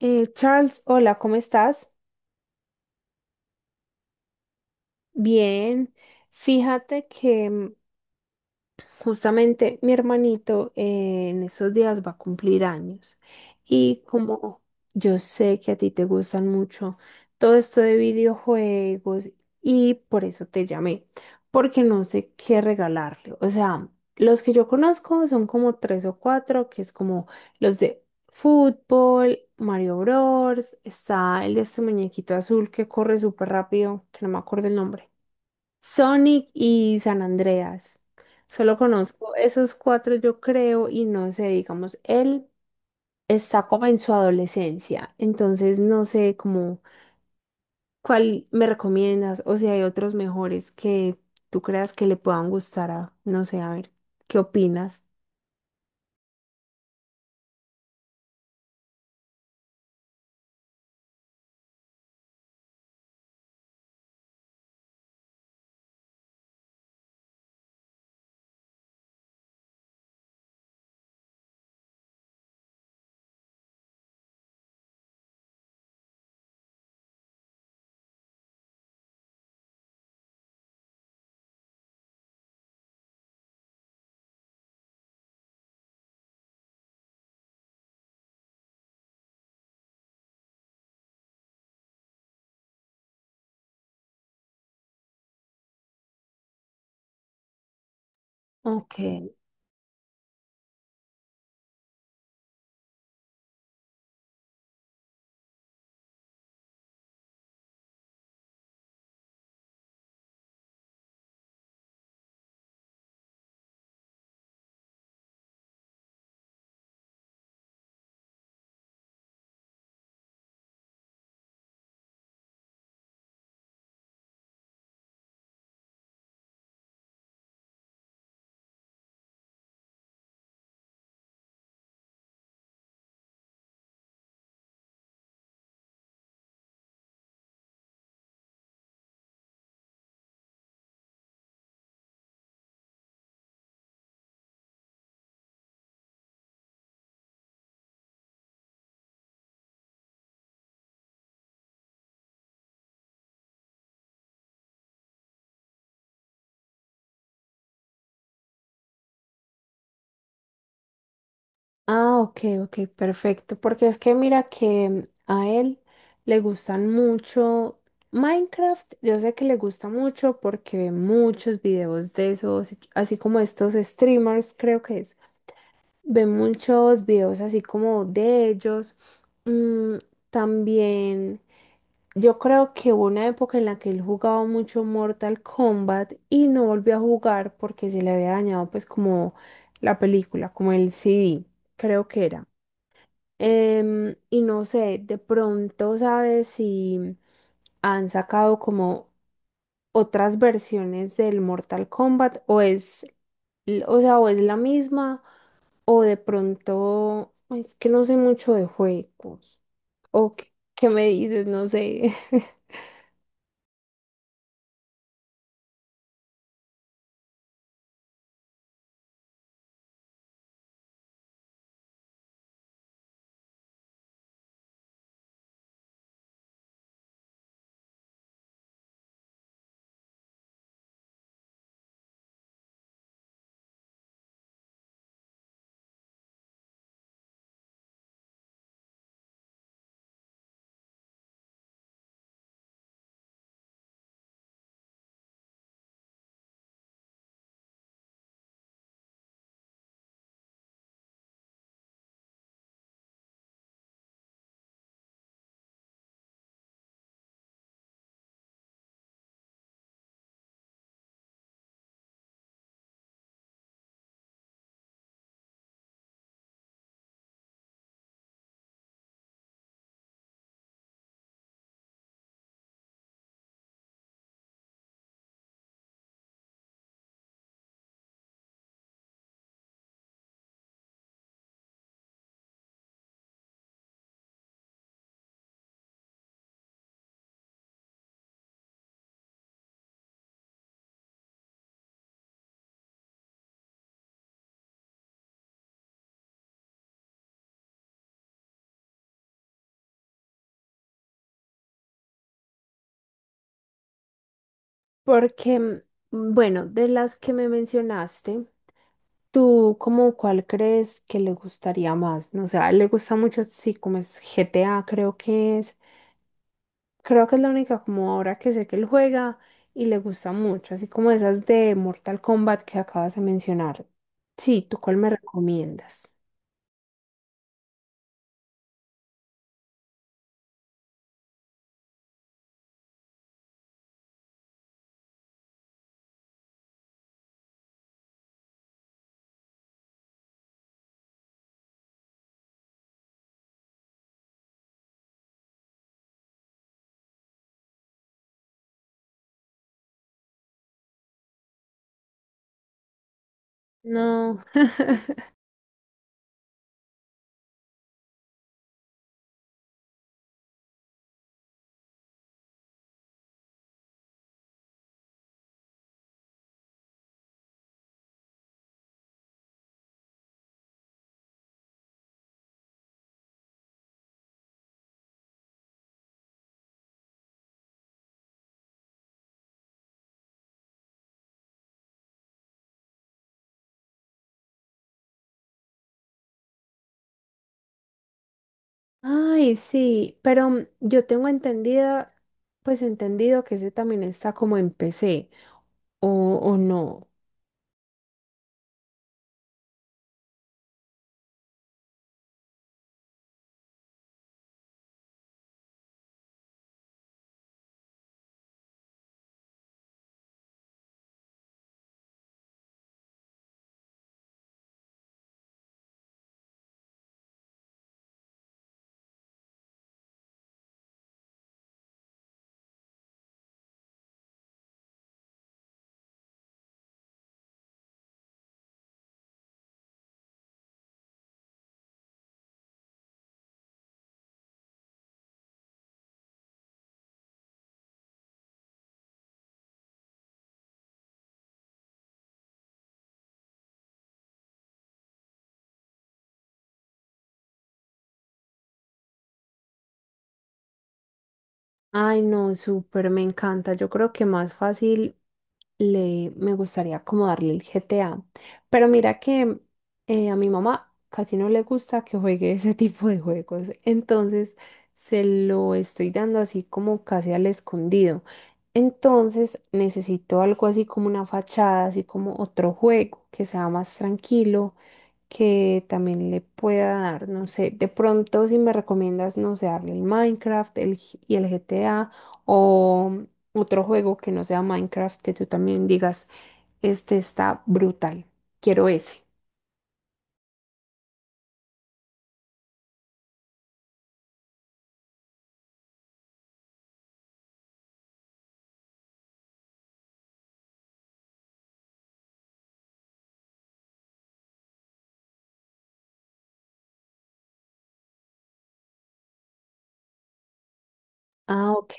Charles, hola, ¿cómo estás? Bien. Fíjate que justamente mi hermanito en esos días va a cumplir años, y como yo sé que a ti te gustan mucho todo esto de videojuegos, y por eso te llamé, porque no sé qué regalarle. O sea, los que yo conozco son como tres o cuatro, que es como los de fútbol, Mario Bros, está el de este muñequito azul que corre súper rápido, que no me acuerdo el nombre. Sonic y San Andreas. Solo conozco esos cuatro, yo creo, y no sé, digamos, él está como en su adolescencia, entonces no sé cómo, cuál me recomiendas o si hay otros mejores que tú creas que le puedan gustar a, no sé, a ver, ¿qué opinas? Ok. Ah, ok, ok, perfecto. Porque es que mira que a él le gustan mucho Minecraft. Yo sé que le gusta mucho porque ve muchos videos de esos, así como estos streamers, creo que es. Ve muchos videos así como de ellos. Mm, también, yo creo que hubo una época en la que él jugaba mucho Mortal Kombat y no volvió a jugar porque se le había dañado pues como la película, como el CD, creo que era. Y no sé, de pronto sabes si han sacado como otras versiones del Mortal Kombat, o es, o sea, o es la misma, o de pronto es que no sé mucho de juegos, o qué, qué me dices, no sé. Porque, bueno, de las que me mencionaste, ¿tú como cuál crees que le gustaría más? No, o sea, le gusta mucho, sí, como es GTA, creo que es. Creo que es la única como ahora que sé que él juega y le gusta mucho, así como esas de Mortal Kombat que acabas de mencionar. Sí, ¿tú cuál me recomiendas? No. Ay, sí, pero yo tengo entendida, pues entendido que ese también está como en PC, o, o no. Ay, no, súper, me encanta. Yo creo que más fácil le me gustaría como darle el GTA. Pero mira que a mi mamá casi no le gusta que juegue ese tipo de juegos. Entonces se lo estoy dando así como casi al escondido. Entonces necesito algo así como una fachada, así como otro juego que sea más tranquilo que también le pueda dar, no sé, de pronto si me recomiendas, no sé, darle el Minecraft y el GTA, o otro juego que no sea Minecraft que tú también digas, este está brutal, quiero ese. Ah, ok.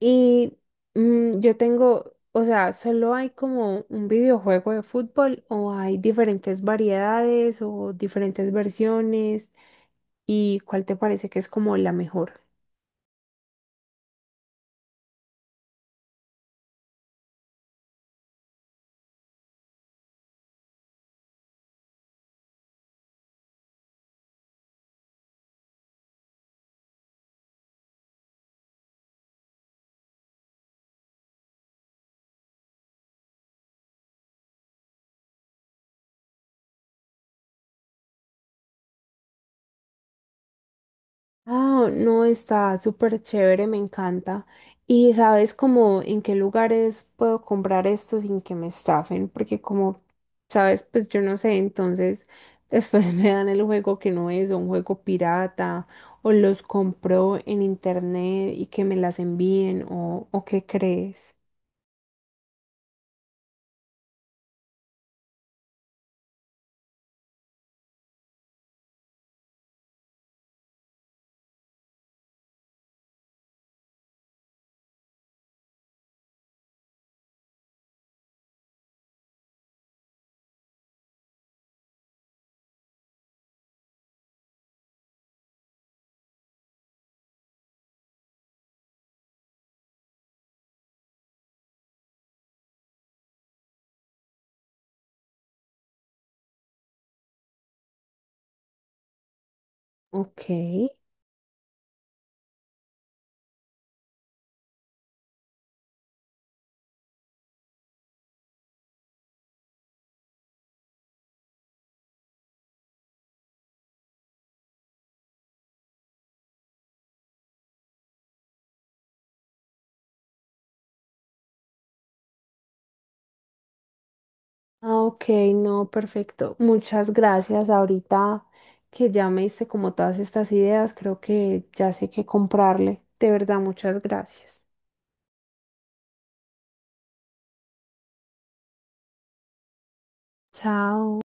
Y yo tengo, o sea, solo hay como un videojuego de fútbol, o hay diferentes variedades o diferentes versiones, y cuál te parece que es como la mejor. Ah, no, está súper chévere, me encanta. Y sabes como en qué lugares puedo comprar esto sin que me estafen, porque como sabes, pues yo no sé, entonces después me dan el juego que no es, o un juego pirata, o los compro en internet y que me las envíen, o qué crees. Ok. Ah, ok, no, perfecto. Muchas gracias. Ahorita que ya me diste como todas estas ideas, creo que ya sé qué comprarle. De verdad, muchas gracias. Chao.